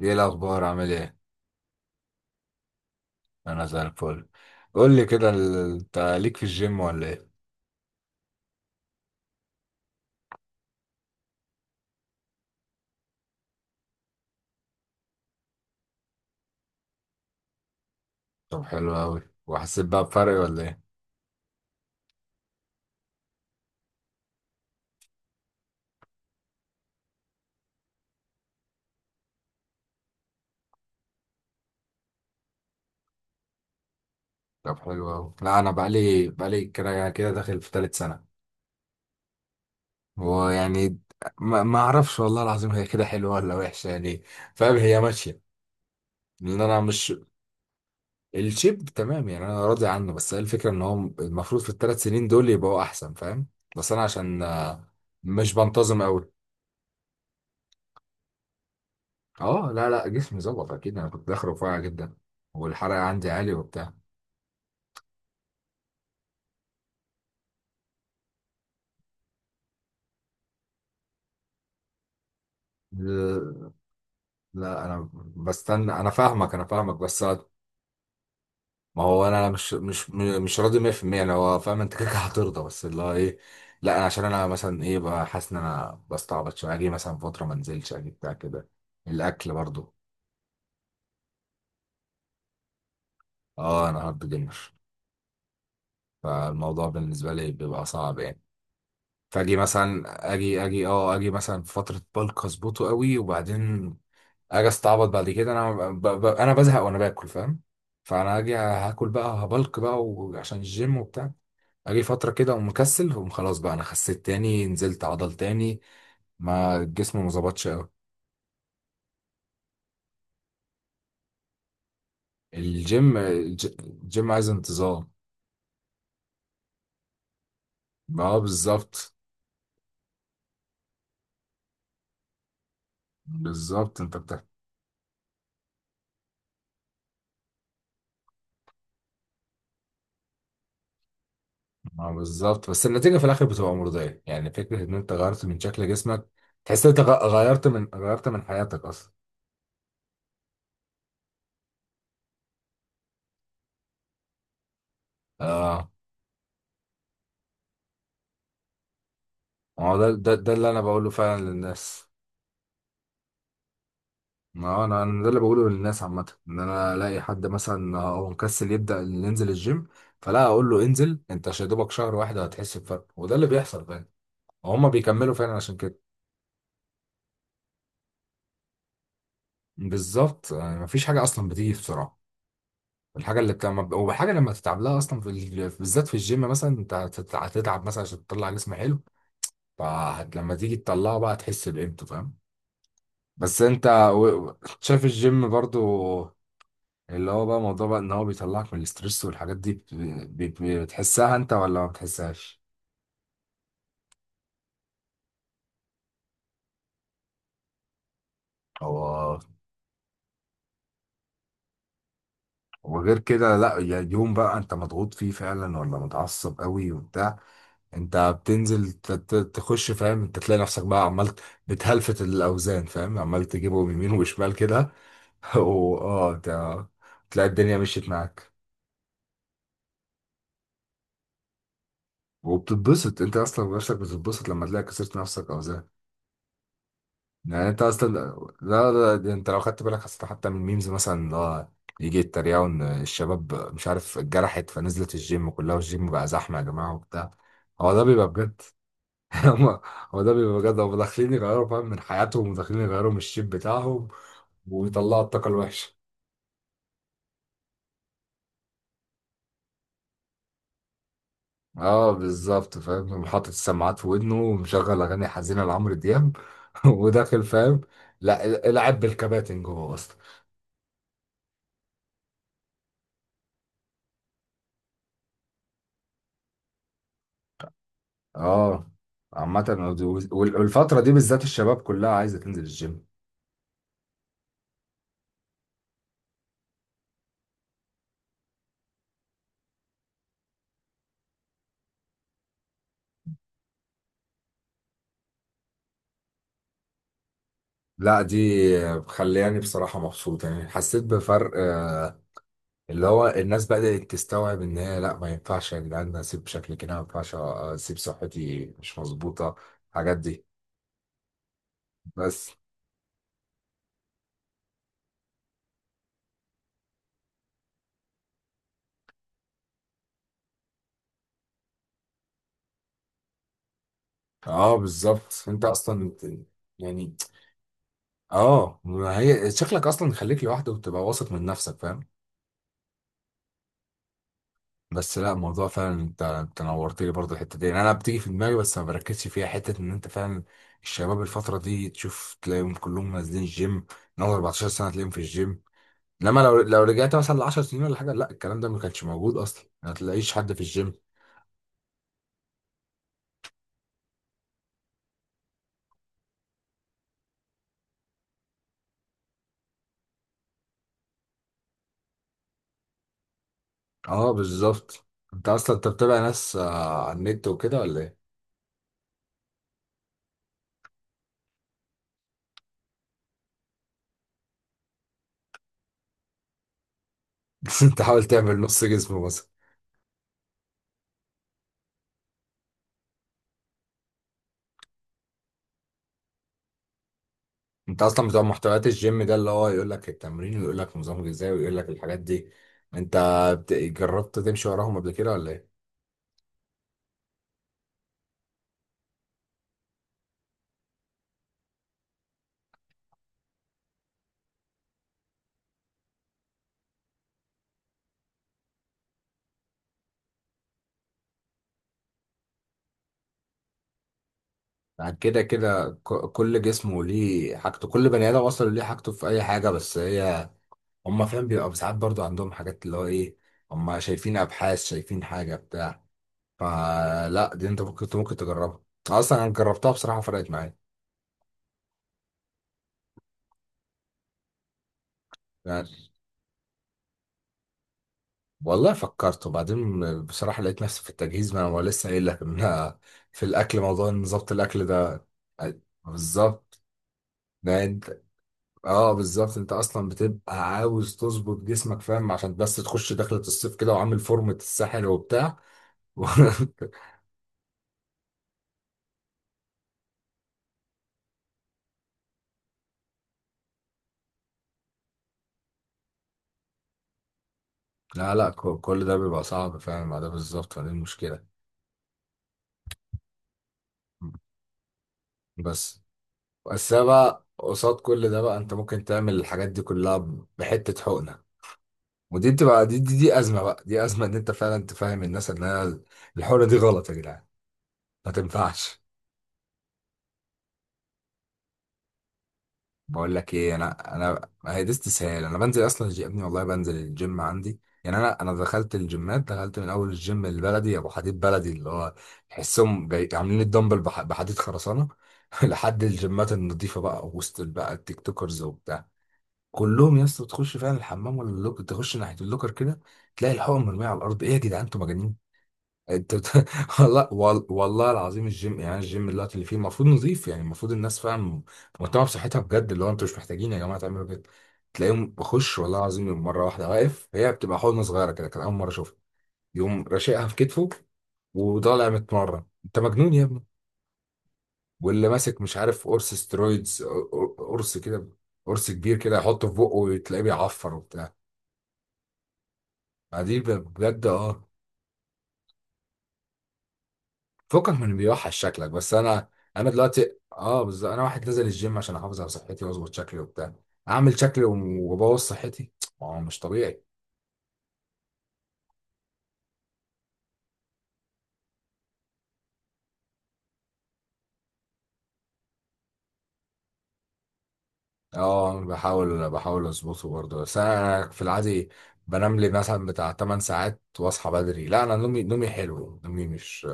ايه الاخبار، عامل ايه؟ انا زي الفل. قول لي كده، انت ليك في الجيم ولا ايه؟ طب حلو قوي، وحسيت بقى بفرق ولا ايه؟ طب حلو قوي. لا انا بقالي كده كده داخل في تالت سنه، ويعني ما اعرفش، والله العظيم هي كده حلوه ولا وحشه يعني، فاهم، هي ماشيه. لان انا مش، الشيب تمام يعني انا راضي عنه، بس هي الفكره ان هو المفروض في ال3 سنين دول يبقوا احسن، فاهم. بس انا عشان مش بنتظم قوي. اه لا لا، جسمي ظبط اكيد، انا كنت داخل رفيع جدا، والحرق عندي عالي وبتاع. لا لا، انا بستنى، انا فاهمك، بس، ما هو انا مش راضي 100%، انا هو فاهم انت كده كده هترضى، بس اللي هو ايه. لا انا عشان انا مثلا ايه بقى حاسس ان انا بستعبط شويه، اجي مثلا فتره ما انزلش، اجي بتاع كده، الاكل برضو. اه انا هارد جيمر، فالموضوع بالنسبه لي بيبقى صعب يعني. فاجي مثلا، اجي مثلا في فتره بلك اظبطه قوي، وبعدين اجي استعبط بعد كده، انا انا بزهق وانا باكل، فاهم. فانا اجي هاكل بقى هبلك بقى وعشان الجيم وبتاع، اجي فتره كده اقوم مكسل اقوم خلاص بقى انا خسيت تاني، نزلت عضل تاني، ما الجسم ما ظبطش قوي. الجيم عايز انتظام. اه بالظبط. بالظبط انت بتحكي. اه بالظبط، بس النتيجه في الاخر بتبقى مرضيه يعني، فكره ان انت غيرت من شكل جسمك، تحس ان انت غيرت من حياتك اصلا. اه ما هو ده اللي انا بقوله فعلا للناس. ما انا ده اللي بقوله للناس عامه، ان انا الاقي حد مثلا هو مكسل يبدا ينزل الجيم، فلا اقول له انزل انت يا دوبك شهر واحد هتحس بفرق، وده اللي بيحصل فعلا. وهم بيكملوا فعلا عشان كده. بالظبط يعني مفيش حاجه اصلا بتيجي بسرعه، الحاجه اللي بتعمل وحاجه لما تتعب لها اصلا بالذات في الجيم مثلا انت هتتعب مثلا عشان تطلع جسم حلو، فلما تيجي تطلعه بقى تحس بقيمته، فاهم. بس انت و... شايف الجيم برضو، اللي هو بقى موضوع بقى ان هو بيطلعك من الاسترس والحاجات دي بتحسها انت ولا ما بتحسهاش؟ هو، وغير كده لا يعني يوم بقى انت مضغوط فيه فعلا ولا متعصب قوي وبتاع، انت بتنزل تخش، فاهم، انت تلاقي نفسك بقى عمال بتهلفت الاوزان، فاهم، عمال تجيبهم يمين وشمال كده. واه انت تلاقي الدنيا مشيت معاك، وبتتبسط انت اصلا نفسك بتتبسط لما تلاقي كسرت نفسك اوزان، يعني انت اصلا. لا لا، ده انت لو خدت بالك اصلا حتى من ميمز مثلا اللي هو يجي يتريقوا ان الشباب مش عارف اتجرحت فنزلت الجيم كلها، والجيم بقى زحمه يا جماعه وبتاع. هو ده بيبقى بجد. هم- هو ده بيبقى بجد، هم داخلين يغيروا، فاهم، من حياتهم وداخلين يغيروا من الشيب بتاعهم، ويطلعوا الطاقه الوحشه. اه بالظبط، فاهم، حاطط السماعات في ودنه ومشغل اغاني حزينه لعمرو دياب. وداخل، فاهم، لا العب بالكباتن جوه. اه عامة، والفترة دي بالذات الشباب كلها عايزة تنزل الجيم. لا دي مخلياني بصراحة مبسوط يعني، حسيت بفرق اللي هو الناس بدأت تستوعب ان هي لا ما ينفعش يا جدعان اسيب شكلي كده، ما ينفعش اسيب صحتي مش مظبوطة، الحاجات دي. بس اه بالظبط انت اصلا يعني، اه ما هي شكلك اصلا خليك لوحدك وتبقى واثق من نفسك، فاهم. بس لا الموضوع فعلا، انت نورت لي برضه الحته دي يعني، انا بتيجي في دماغي بس ما بركزش فيها، حته ان انت فعلا الشباب الفتره دي تشوف تلاقيهم كلهم نازلين الجيم. من اول 14 سنه تلاقيهم في الجيم، انما لو رجعت مثلا ل 10 سنين ولا حاجه لا الكلام ده ما كانش موجود اصلا، ما تلاقيش حد في الجيم. اه بالظبط، انت اصلا انت بتتابع ناس على النت وكده ولا ايه؟ انت حاول تعمل نص جسم. انت اصلا بتوع محتويات الجيم ده اللي هو يقول لك التمرين ويقول لك نظام غذائي ويقول لك الحاجات دي، انت جربت تمشي وراهم قبل كده ولا ايه؟ بعد كده كده كل جسمه ليه حاجته، كل بني ادم اصلا ليه حاجته في اي حاجه، بس هي هم، فاهم، بيبقى ساعات برضو عندهم حاجات اللي هو ايه، هم شايفين ابحاث شايفين حاجه بتاع. فلا دي انت ممكن تجربها، اصلا انا جربتها بصراحه، فرقت معايا. والله فكرت وبعدين بصراحة لقيت نفسي في التجهيز، ما هو لسه قايل لك ان أنا في الاكل موضوع ان ظبط الاكل ده، بالظبط. ده انت، اه بالظبط انت اصلا بتبقى عاوز تظبط جسمك، فاهم، عشان بس تخش دخلة الصيف كده وعامل فورمة الساحل وبتاع. لا لا، كل ده بيبقى صعب، فاهم، ما ده بالظبط فدي المشكلة. بس بس بقى قصاد كل ده بقى انت ممكن تعمل الحاجات دي كلها بحتة حقنة. ودي بتبقى دي ازمه بقى، دي ازمه ان انت فعلا تفهم الناس ان انا الحوره دي غلط يا جدعان، ما تنفعش. بقول لك ايه، انا، ما هي دي استسهال، انا بنزل اصلا يا ابني والله بنزل الجيم عندي يعني، انا دخلت الجيمات، دخلت من اول الجيم البلدي ابو حديد بلدي اللي هو تحسهم عاملين الدمبل بحديد خرسانه. لحد الجيمات النظيفه بقى وسط بقى التيك توكرز وبتاع، كلهم يا اسطى تخش فعلا الحمام ولا اللوكر، تخش ناحيه اللوكر كده تلاقي الحقن مرميه على الارض، ايه يا جدعان انتوا مجانين؟ انت بت... والله والله العظيم الجيم يعني الجيم دلوقتي اللي فيه المفروض نظيف يعني، المفروض الناس، فاهم، مهتمه بصحتها بجد، اللي هو انتوا مش محتاجين يا جماعه تعملوا كده. تلاقيهم بخش والله العظيم مره واحده واقف، هي بتبقى حضنه صغيره كده كان اول مره اشوفها، يقوم راشقها في كتفه وطالع متمرن، انت مجنون يا ابني؟ واللي ماسك مش عارف قرص سترويدز، قرص كده، قرص كبير كده يحطه في بقه وتلاقيه بيعفر وبتاع، بعدين بجد اه. فكك من بيوحش شكلك، بس انا انا دلوقتي اه بالظبط، انا واحد نازل الجيم عشان احافظ على صحتي واظبط شكلي وبتاع، اعمل شكلي وابوظ صحتي؟ ما هو مش طبيعي. اه بحاول اظبطه برضه، بس انا في العادي بنام لي مثلا بتاع 8 ساعات واصحى بدري، لا انا نومي حلو،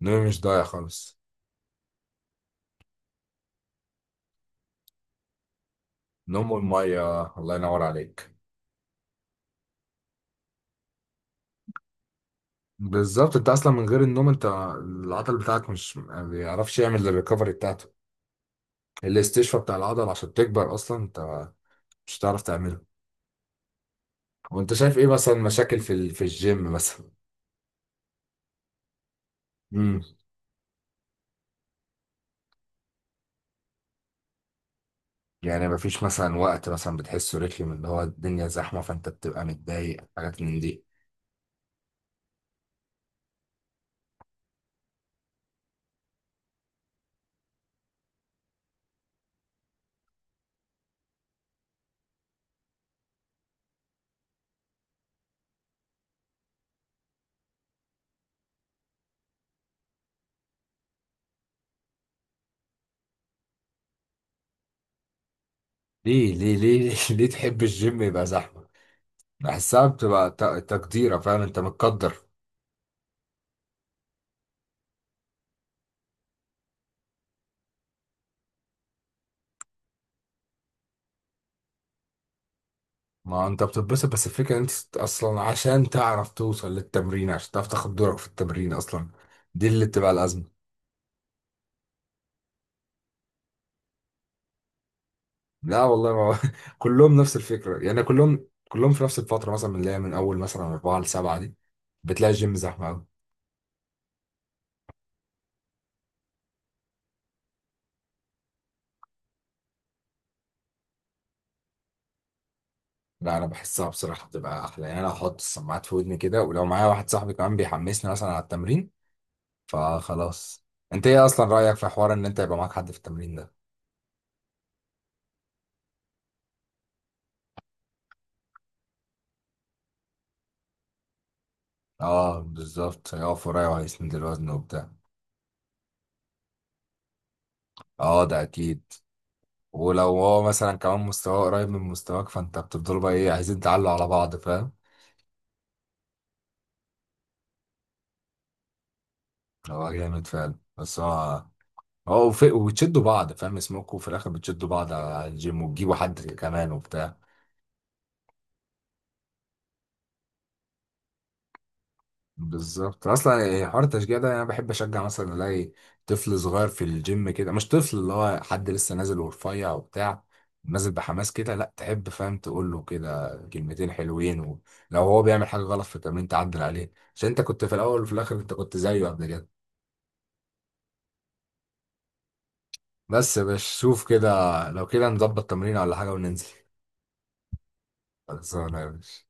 نومي مش ضايع خالص، نوم المية الله ينور عليك. بالظبط، انت اصلا من غير النوم انت العضل بتاعك مش، ما بيعرفش يعمل الريكفري بتاعته، الاستشفاء بتاع العضله عشان تكبر اصلا انت مش هتعرف تعمله. وانت شايف ايه مثلا مشاكل في الجيم مثلا؟ امم يعني مفيش مثلا وقت مثلا بتحسه رخم اللي هو الدنيا زحمه فانت بتبقى متضايق، حاجات من دي. ليه ليه ليه ليه تحب الجيم يبقى زحمه؟ بحسها بتبقى تقديره، فاهم، انت متقدر. ما انت بتتبسط، بس الفكره ان انت اصلا عشان تعرف توصل للتمرين، عشان تعرف تاخد دورك في التمرين اصلا، دي اللي بتبقى الازمه. لا والله ما هو كلهم نفس الفكرة يعني، كلهم في نفس الفترة مثلا من اللي هي من أول مثلا أربعة لسبعة دي بتلاقي الجيم زحمة أوي. لا أنا بحسها بصراحة بتبقى أحلى يعني، أنا أحط السماعات في ودني كده، ولو معايا واحد صاحبي كمان بيحمسني مثلا على التمرين فخلاص. أنت إيه أصلا رأيك في حوار إن أنت يبقى معاك حد في التمرين ده؟ أه بالظبط، هيقف ورايا وهيسند الوزن وبتاع. أه ده أكيد. ولو هو مثلا كمان مستواه قريب من مستواك فأنت بتفضلوا بقى إيه، عايزين تعلوا على بعض، فاهم؟ هو جامد فعلا، بس هو اه وبتشدوا بعض، فاهم، اسمكوا في الاخر بتشدوا بعض على الجيم وتجيبوا حد كمان وبتاع. بالظبط اصلا يعني، حوار التشجيع ده انا بحب اشجع مثلا، الاقي طفل صغير في الجيم كده، مش طفل اللي هو حد لسه نازل ورفيع وبتاع، نازل بحماس كده، لا تحب، فاهم، تقول له كده كلمتين حلوين، ولو هو بيعمل حاجه غلط في التمرين تعدل عليه، عشان انت كنت في الاول، وفي الاخر انت كنت زيه قبل كده. بس يا باشا شوف كده، لو كده نظبط تمرين ولا حاجه وننزل. خلصانه يا باشا.